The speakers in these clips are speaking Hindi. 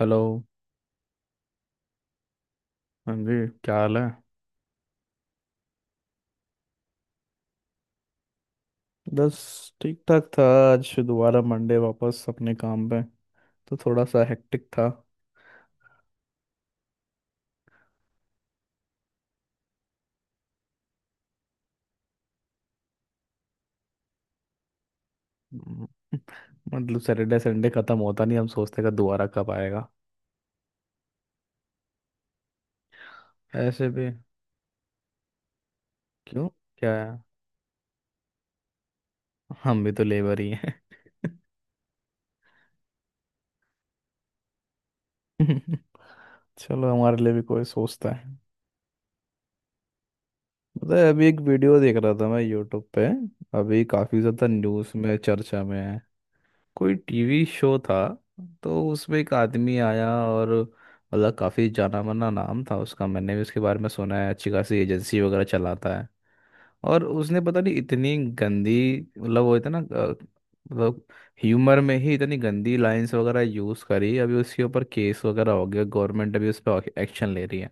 हेलो। हाँ जी, क्या हाल है? बस ठीक ठाक था। आज दोबारा मंडे, वापस अपने काम पे, तो थोड़ा सा हेक्टिक था। हम्म, मतलब सैटरडे संडे खत्म होता नहीं, हम सोचते का दोबारा कब आएगा। ऐसे भी क्यों? क्या है? हम भी तो लेबर ही हैं। चलो, हमारे लिए भी कोई सोचता है। पता है, अभी एक वीडियो देख रहा था मैं यूट्यूब पे। अभी काफ़ी ज़्यादा न्यूज़ में चर्चा में है। कोई टीवी शो था, तो उसमें एक आदमी आया, और मतलब काफ़ी जाना माना नाम था उसका, मैंने भी उसके बारे में सुना है। अच्छी खासी एजेंसी वगैरह चलाता है। और उसने पता नहीं इतनी गंदी, मतलब वो इतना मतलब ह्यूमर में ही इतनी गंदी लाइंस वगैरह यूज़ करी। अभी उसके ऊपर केस वगैरह हो गया, गवर्नमेंट अभी उस पर एक्शन ले रही है।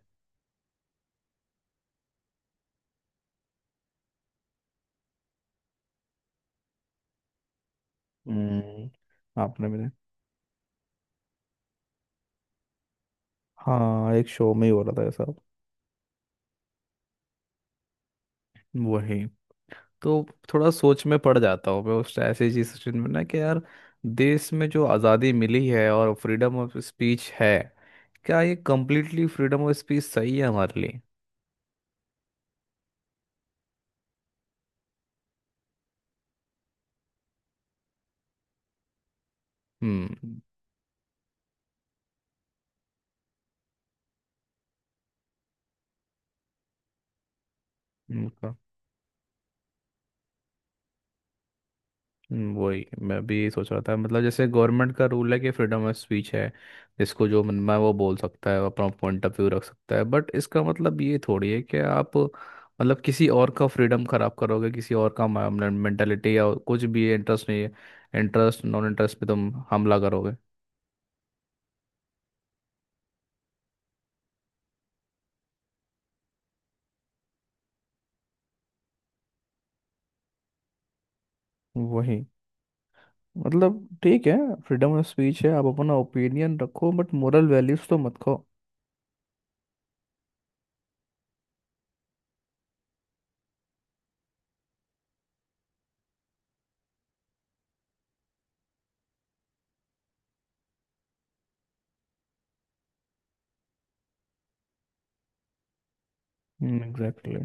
हम्म, आपने भी? हाँ, एक शो में ही हो रहा था ऐसा। वही तो। थोड़ा सोच में पड़ जाता हूँ मैं उस ऐसी चीज सिचुएशन में ना कि यार, देश में जो आज़ादी मिली है और फ्रीडम ऑफ स्पीच है, क्या ये कम्प्लीटली फ्रीडम ऑफ स्पीच सही है हमारे लिए? हम्म। वही मैं भी सोच रहा था। मतलब जैसे गवर्नमेंट का रूल है कि फ्रीडम ऑफ स्पीच है, जिसको जो मन में है वो बोल सकता है, वो अपना पॉइंट ऑफ व्यू रख सकता है। बट इसका मतलब ये थोड़ी है कि आप मतलब किसी और का फ्रीडम खराब करोगे, किसी और का मेंटेलिटी या कुछ भी इंटरेस्ट नहीं है। इंटरेस्ट नॉन इंटरेस्ट पे तुम हमला करोगे। वही, मतलब ठीक है, फ्रीडम ऑफ स्पीच है, आप अपना ओपिनियन रखो, बट मोरल वैल्यूज तो मत खो। एग्जैक्टली।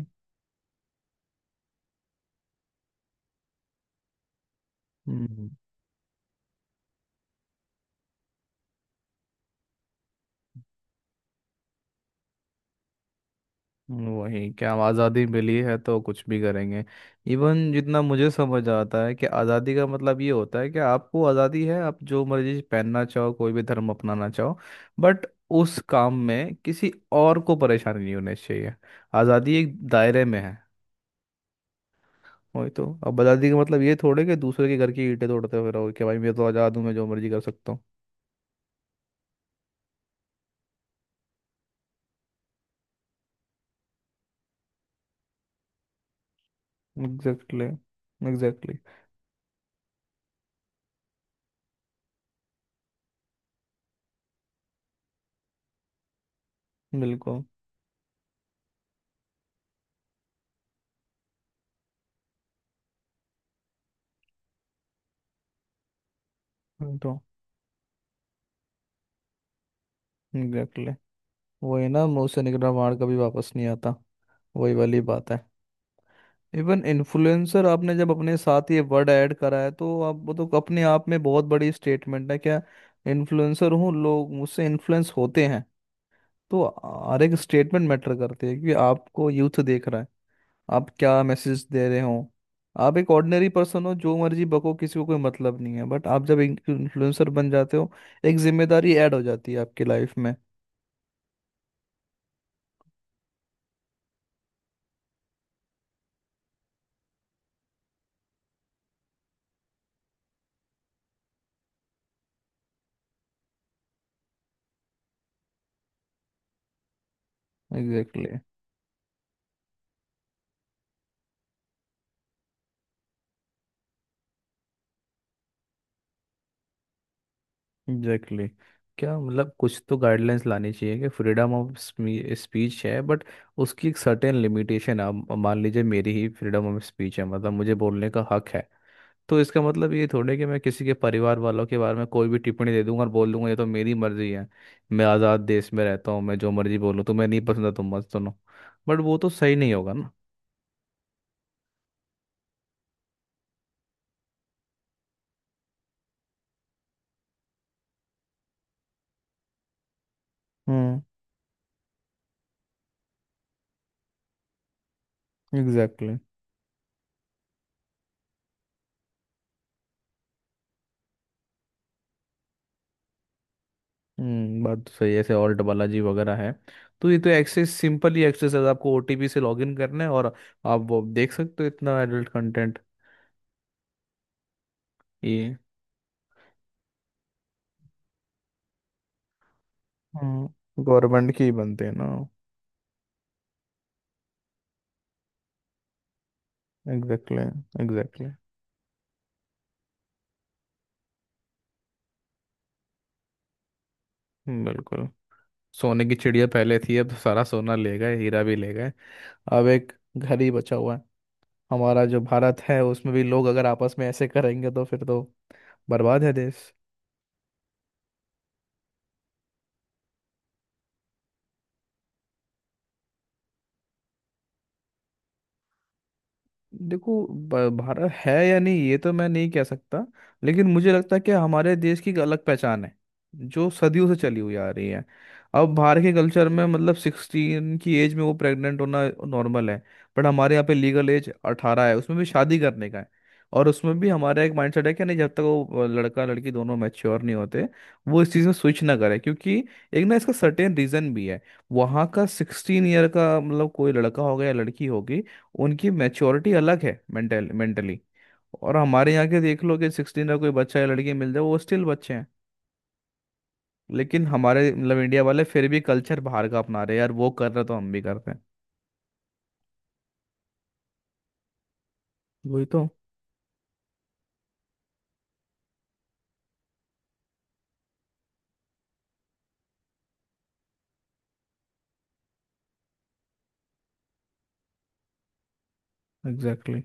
वही, क्या आज़ादी मिली है तो कुछ भी करेंगे। इवन जितना मुझे समझ आता है कि आज़ादी का मतलब ये होता है कि आपको आज़ादी है, आप जो मर्जी पहनना चाहो, कोई भी धर्म अपनाना चाहो, बट उस काम में किसी और को परेशानी नहीं होनी चाहिए। आज़ादी एक दायरे में है। वही तो, अब आज़ादी का मतलब ये थोड़े कि दूसरे के घर की ईंटें तोड़ते हुए रहो कि भाई मैं तो आज़ाद हूँ, मैं जो मर्जी कर सकता हूँ। Exactly, exactly. बिल्कुल। तो एग्जैक्टली, वही ना, मुंह से निकला मार कभी वापस नहीं आता। वही वाली बात है। इवन इन्फ्लुएंसर, आपने जब अपने साथ ये वर्ड ऐड करा है, तो आप वो तो अपने आप में बहुत बड़ी स्टेटमेंट है, क्या इन्फ्लुएंसर हूँ, लोग मुझसे इन्फ्लुएंस होते हैं। तो हर एक स्टेटमेंट मैटर करती है कि आपको यूथ देख रहा है, आप क्या मैसेज दे रहे हो। आप एक ऑर्डिनरी पर्सन हो, जो मर्जी बको, किसी को कोई मतलब नहीं है, बट आप जब इन्फ्लुएंसर बन जाते हो, एक जिम्मेदारी ऐड हो जाती है आपकी लाइफ में। Exactly, exactly exactly. क्या, मतलब कुछ तो गाइडलाइंस लानी चाहिए कि फ्रीडम ऑफ स्पीच है, बट उसकी एक सर्टेन लिमिटेशन है। अब मान लीजिए, मेरी ही फ्रीडम ऑफ स्पीच है, मतलब मुझे बोलने का हक है, तो इसका मतलब ये थोड़े कि मैं किसी के परिवार वालों के बारे में कोई भी टिप्पणी दे दूंगा और बोल दूंगा ये तो मेरी मर्जी है, मैं आज़ाद देश में रहता हूँ, मैं जो मर्जी बोलूँ, तुम्हें नहीं पसंद है तुम मत सुनो। बट वो तो सही नहीं होगा ना। हम्म, एग्जैक्टली। हम्म, बात तो सही है। ऐसे ऑल्ट बालाजी वगैरह है, तो ये तो एक्सेस, सिंपल ही एक्सेस है, आपको ओटीपी से लॉगिन करना है और आप वो देख सकते हो, इतना एडल्ट कंटेंट। ये हम्म, गवर्नमेंट के ही बनते हैं ना। Exactly, exactly. बिल्कुल। सोने की चिड़िया पहले थी, अब तो सारा सोना ले गए, हीरा भी ले गए। अब एक घर ही बचा हुआ है, हमारा जो भारत है, उसमें भी लोग अगर आपस में ऐसे करेंगे तो फिर तो बर्बाद है देश। देखो, भारत है या नहीं ये तो मैं नहीं कह सकता, लेकिन मुझे लगता है कि हमारे देश की एक अलग पहचान है, जो सदियों से चली हुई आ रही है। अब बाहर के कल्चर में, मतलब 16 की एज में वो प्रेग्नेंट होना नॉर्मल है, बट हमारे यहाँ पे लीगल एज 18 है, उसमें भी शादी करने का है। और उसमें भी हमारा एक माइंडसेट है कि नहीं, जब तक वो लड़का लड़की दोनों मैच्योर नहीं होते, वो इस चीज़ में स्विच ना करे, क्योंकि एक ना इसका सर्टेन रीज़न भी है। वहाँ का 16 ईयर का मतलब, कोई लड़का होगा या लड़की होगी, उनकी मैच्योरिटी अलग है, मेंटली। और हमारे यहाँ के देख लो कि 16 का कोई बच्चा या लड़की मिल जाए, वो स्टिल बच्चे हैं। लेकिन हमारे मतलब इंडिया वाले फिर भी कल्चर बाहर का अपना रहे हैं। यार वो कर रहे तो हम भी करते हैं। वही तो। Exactly exactly,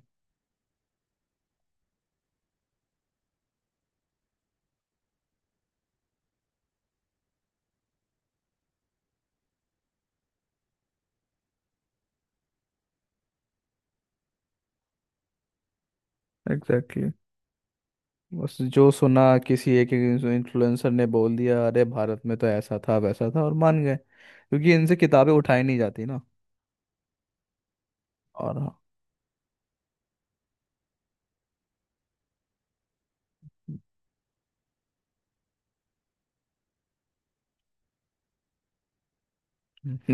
exactly exactly. बस जो सुना, किसी एक इन्फ्लुएंसर ने बोल दिया अरे भारत में तो ऐसा था वैसा था, और मान गए क्योंकि इनसे किताबें उठाई नहीं जाती ना। और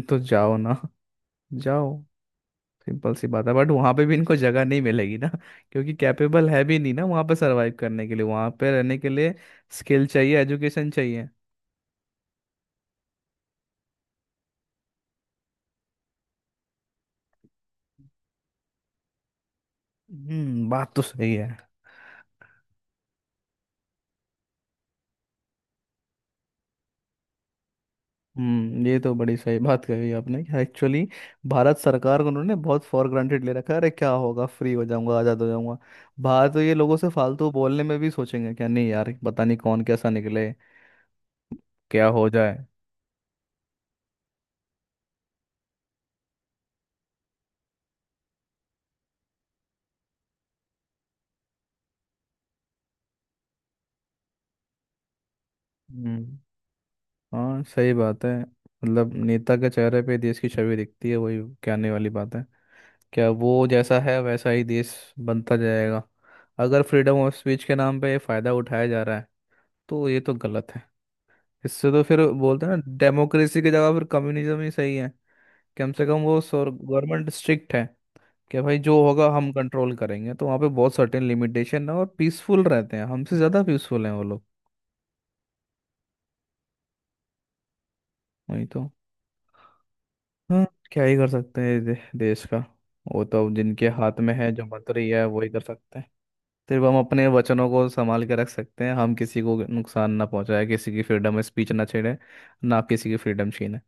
तो जाओ ना, जाओ। सिंपल सी बात है। बट वहां पे भी इनको जगह नहीं मिलेगी ना, क्योंकि कैपेबल है भी नहीं ना वहां पे सरवाइव करने के लिए, वहां पे रहने के लिए स्किल चाहिए, एजुकेशन चाहिए। हम्म, बात तो सही है। हम्म, ये तो बड़ी सही बात कही आपने कि एक्चुअली भारत सरकार को उन्होंने बहुत फॉर ग्रांटेड ले रखा है। अरे क्या होगा, फ्री हो जाऊंगा, आज़ाद हो जाऊंगा। बाहर तो ये लोगों से फालतू बोलने में भी सोचेंगे, क्या नहीं यार, पता नहीं कौन कैसा निकले, क्या हो जाए। हम्म, हाँ सही बात है। मतलब नेता के चेहरे पे देश की छवि दिखती है। वही कहने वाली बात है। क्या, वो जैसा है वैसा ही देश बनता जाएगा। अगर फ्रीडम ऑफ स्पीच के नाम पे फ़ायदा उठाया जा रहा है, तो ये तो गलत है। इससे तो फिर बोलते हैं ना, डेमोक्रेसी की जगह फिर कम्युनिज्म ही सही है। कम से कम वो गवर्नमेंट स्ट्रिक्ट है कि भाई जो होगा हम कंट्रोल करेंगे, तो वहाँ पे बहुत सर्टेन लिमिटेशन है और पीसफुल रहते हैं, हमसे ज़्यादा पीसफुल हैं वो लोग। वही तो। हाँ, क्या ही कर सकते हैं देश का, वो तो अब जिनके हाथ में है, जो मंत्री है वही कर सकते हैं। सिर्फ हम अपने वचनों को संभाल के रख सकते हैं, हम किसी को नुकसान ना पहुंचाए, किसी की फ्रीडम स्पीच ना छेड़े, ना किसी की फ्रीडम छीने।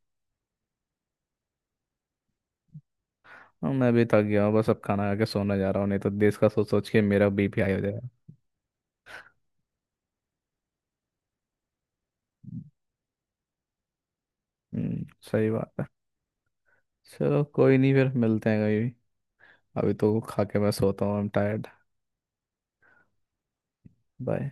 हाँ, मैं भी थक गया हूँ, बस अब खाना खा के सोने जा रहा हूँ, नहीं तो देश का सोच सोच के मेरा BP हाई हो जाएगा। हम्म, सही बात है। चलो कोई नहीं, फिर मिलते हैं कभी। अभी तो खा के मैं सोता हूँ, आई एम टायर्ड। बाय।